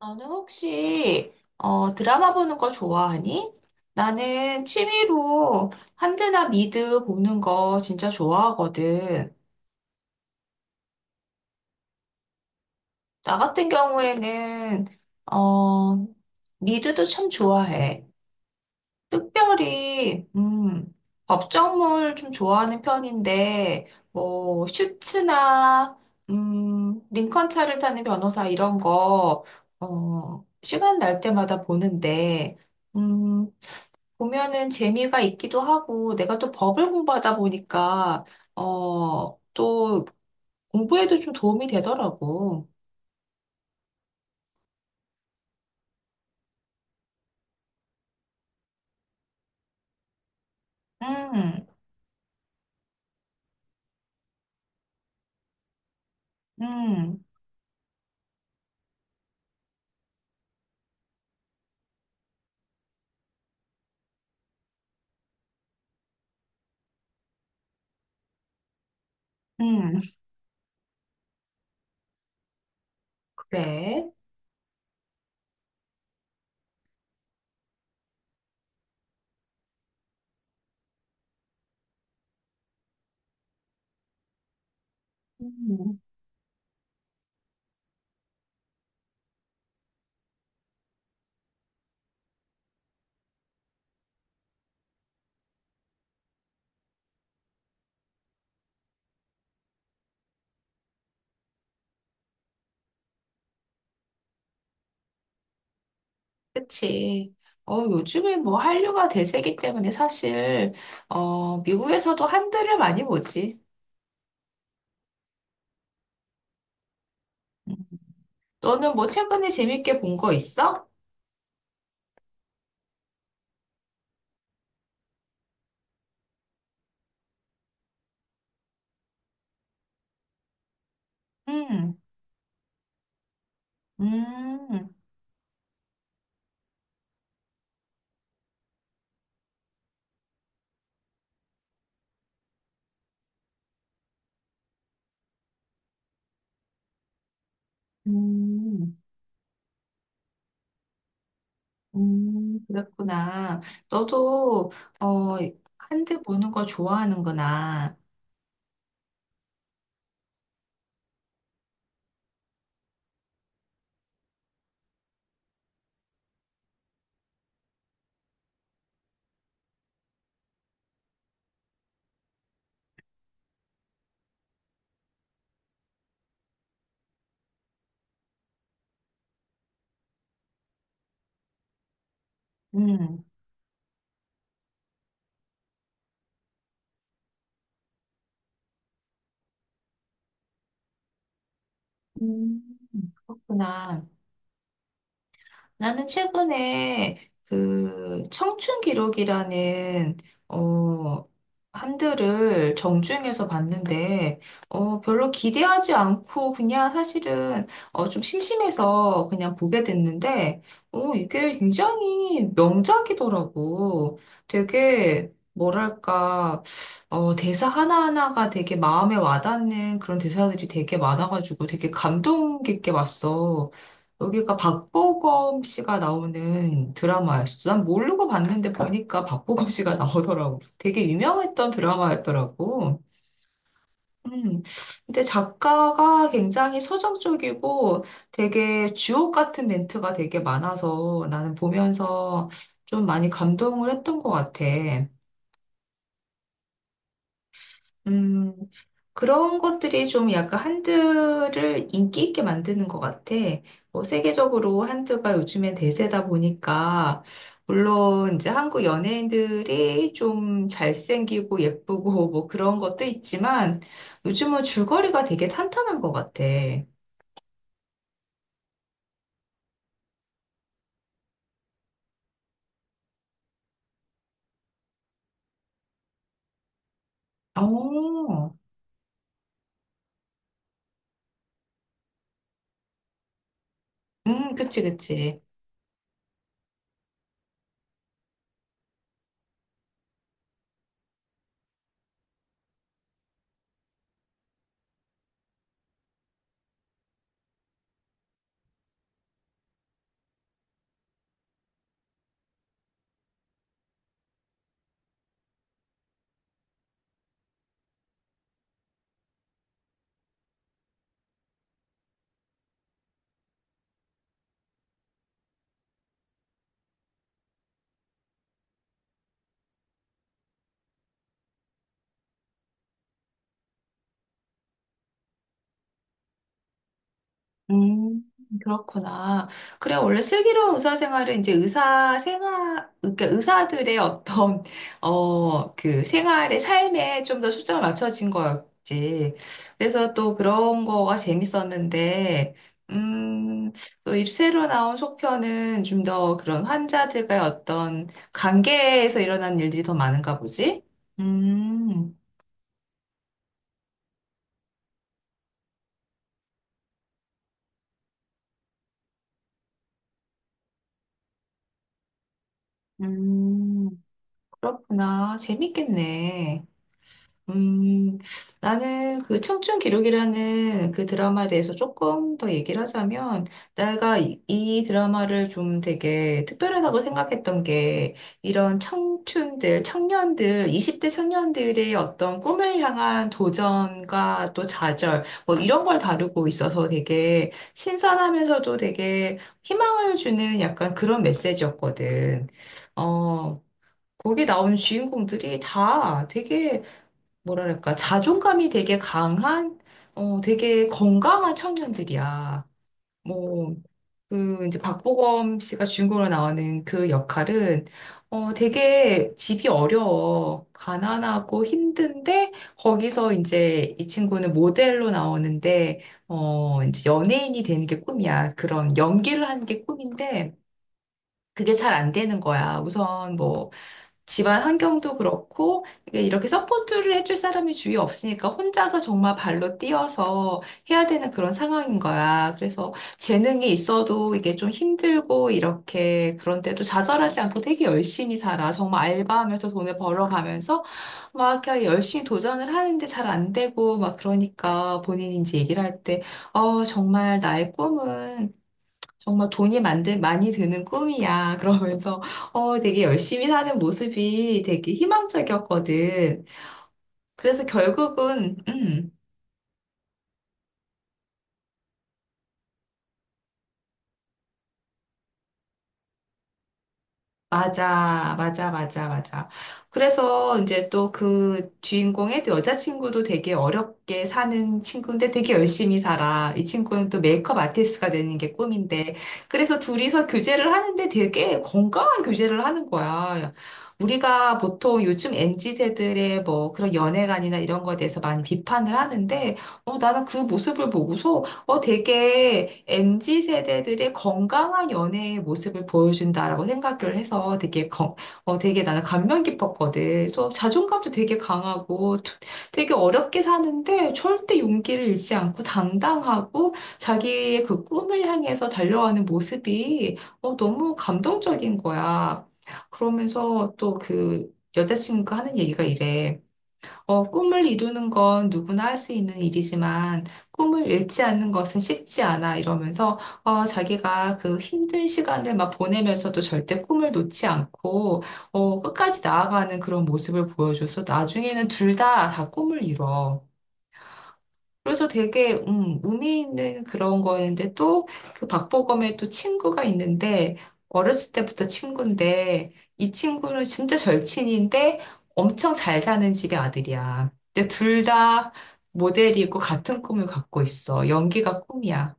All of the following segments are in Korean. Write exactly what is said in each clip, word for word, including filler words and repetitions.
너는 혹시 어, 드라마 보는 거 좋아하니? 나는 취미로 한드나 미드 보는 거 진짜 좋아하거든. 나 같은 경우에는 어, 미드도 참 좋아해. 특별히 음, 법정물 좀 좋아하는 편인데 뭐 슈츠나 음, 링컨 차를 타는 변호사 이런 거 어, 시간 날 때마다 보는데. 음, 보면은 재미가 있기도 하고, 내가 또 법을 공부하다 보니까, 어, 또 공부에도 좀 도움이 되더라고. 음, 음, 음, 그래. 음, 그치. 어, 요즘에 뭐 한류가 대세기 때문에 사실, 어, 미국에서도 한글을 많이 보지. 음. 너는 뭐 최근에 재밌게 본 거 있어? 음, 음, 음. 음, 그랬구나. 너도, 어, 한드 보는 거 좋아하는구나. 음, 음, 그렇구나. 나는 최근에 그 청춘 기록이라는 어 한들을 정주행해서 봤는데 어 별로 기대하지 않고 그냥 사실은 어 좀 심심해서 그냥 보게 됐는데 어 이게 굉장히 명작이더라고. 되게 뭐랄까 어 대사 하나하나가 되게 마음에 와닿는 그런 대사들이 되게 많아가지고 되게 감동 깊게 봤어. 여기가 박보검 씨가 나오는 드라마였어. 난 모르고 봤는데 보니까 박보검 씨가 나오더라고. 되게 유명했던 드라마였더라고. 음. 근데 작가가 굉장히 서정적이고 되게 주옥 같은 멘트가 되게 많아서 나는 보면서 좀 많이 감동을 했던 것 같아. 음. 그런 것들이 좀 약간 한드를 인기 있게 만드는 것 같아. 뭐 세계적으로 한드가 요즘에 대세다 보니까, 물론 이제 한국 연예인들이 좀 잘생기고 예쁘고 뭐 그런 것도 있지만, 요즘은 줄거리가 되게 탄탄한 것 같아. 어, 음, 그치, 그치. 음, 그렇구나. 그래, 원래 슬기로운 의사생활은 이제 의사 생활, 그러니까 의사들의 어떤, 어, 그 생활의 삶에 좀 더 초점을 맞춰진 거였지. 그래서 또 그런 거가 재밌었는데, 음, 또 이 새로 나온 속편은 좀 더 그런 환자들과의 어떤 관계에서 일어난 일들이 더 많은가 보지? 음, 음, 그렇구나. 재밌겠네. 음, 나는 그 청춘 기록이라는 그 드라마에 대해서 조금 더 얘기를 하자면, 내가 이, 이 드라마를 좀 되게 특별하다고 생각했던 게, 이런 청춘들, 청년들, 이십 대 청년들의 어떤 꿈을 향한 도전과 또 좌절, 뭐 이런 걸 다루고 있어서 되게 신선하면서도 되게 희망을 주는 약간 그런 메시지였거든. 어, 거기 나오는 주인공들이 다 되게 뭐랄까, 자존감이 되게 강한, 어, 되게 건강한 청년들이야. 뭐, 그, 이제 박보검 씨가 주인공으로 나오는 그 역할은, 어, 되게 집이 어려워. 가난하고 힘든데, 거기서 이제 이 친구는 모델로 나오는데, 어, 이제 연예인이 되는 게 꿈이야. 그런 연기를 하는 게 꿈인데, 그게 잘 안 되는 거야. 우선 뭐, 집안 환경도 그렇고 이게 이렇게 서포트를 해줄 사람이 주위에 없으니까 혼자서 정말 발로 뛰어서 해야 되는 그런 상황인 거야. 그래서 재능이 있어도 이게 좀 힘들고 이렇게 그런데도 좌절하지 않고 되게 열심히 살아. 정말 알바하면서 돈을 벌어가면서 막 이렇게 열심히 도전을 하는데 잘 안 되고 막 그러니까 본인이 이제 얘기를 할 때, 어, 정말 나의 꿈은 정말 돈이 만든 많이 드는 꿈이야. 그러면서 어 되게 열심히 사는 모습이 되게 희망적이었거든. 그래서 결국은 음. 맞아, 맞아, 맞아, 맞아. 그래서 이제 또 그 주인공의 또 여자친구도 되게 어렵게 사는 친구인데 되게 열심히 살아. 이 친구는 또 메이크업 아티스트가 되는 게 꿈인데. 그래서 둘이서 교제를 하는데 되게 건강한 교제를 하는 거야. 우리가 보통 요즘 m 지세들의 뭐 그런 연애관이나 이런 거에 대해서 많이 비판을 하는데, 어, 나는 그 모습을 보고서 어, 되게 엠지 세대들의 건강한 연애의 모습을 보여준다라고 생각을 해서 되게 건, 어, 되게 나는 감명 깊었거든. 그래서 자존감도 되게 강하고 되- 되게 어렵게 사는데 절대 용기를 잃지 않고 당당하고 자기의 그 꿈을 향해서 달려가는 모습이 어, 너무 감동적인 거야. 그러면서 또 그 여자친구가 하는 얘기가 이래. 어, 꿈을 이루는 건 누구나 할 수 있는 일이지만 꿈을 잃지 않는 것은 쉽지 않아 이러면서 어, 자기가 그 힘든 시간을 막 보내면서도 절대 꿈을 놓지 않고 어, 끝까지 나아가는 그런 모습을 보여줘서 나중에는 둘 다 다 꿈을 이뤄. 그래서 되게 음, 의미 있는 그런 거였는데 또 그 박보검의 또 친구가 있는데 어렸을 때부터 친구인데 이 친구는 진짜 절친인데 엄청 잘 사는 집의 아들이야. 근데 둘 다 모델이고 같은 꿈을 갖고 있어. 연기가 꿈이야.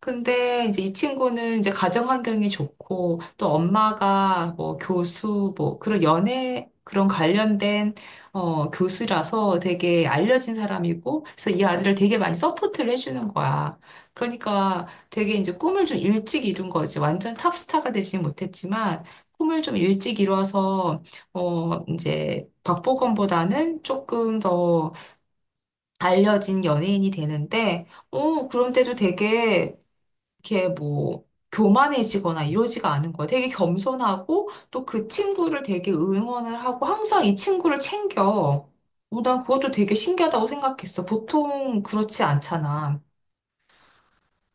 근데 이제 이 친구는 이제 가정 환경이 좋고 또 엄마가 뭐 교수 뭐 그런 연애 그런 관련된 어 교수라서 되게 알려진 사람이고 그래서 이 아들을 되게 많이 서포트를 해주는 거야. 그러니까 되게 이제 꿈을 좀 일찍 이룬 거지. 완전 탑스타가 되지는 못했지만 꿈을 좀 일찍 이뤄서 어 이제 박보검보다는 조금 더 알려진 연예인이 되는데 어 그런데도 되게 이렇게 뭐 교만해지거나 이러지가 않은 거야. 되게 겸손하고 또 그 친구를 되게 응원을 하고 항상 이 친구를 챙겨. 어, 난 그것도 되게 신기하다고 생각했어. 보통 그렇지 않잖아.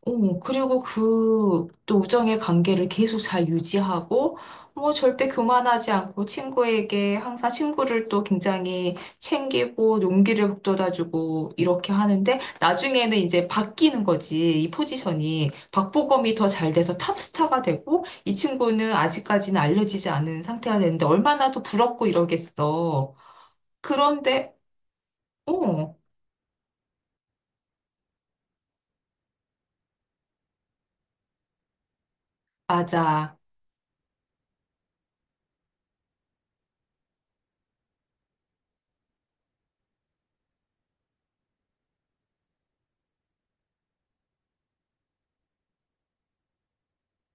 어, 그리고 그 또 우정의 관계를 계속 잘 유지하고, 뭐 절대 교만하지 않고 친구에게 항상 친구를 또 굉장히 챙기고 용기를 북돋아주고 이렇게 하는데 나중에는 이제 바뀌는 거지. 이 포지션이 박보검이 더 잘 돼서 탑스타가 되고 이 친구는 아직까지는 알려지지 않은 상태가 되는데 얼마나 더 부럽고 이러겠어. 그런데 어, 맞아.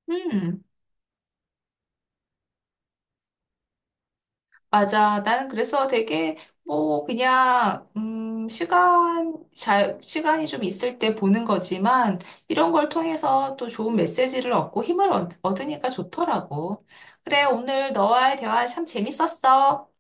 음. 맞아. 나는 그래서 되게 뭐 그냥 음 시간 잘 시간이 좀 있을 때 보는 거지만 이런 걸 통해서 또 좋은 메시지를 얻고 힘을 얻, 얻으니까 좋더라고. 그래, 오늘 너와의 대화 참 재밌었어.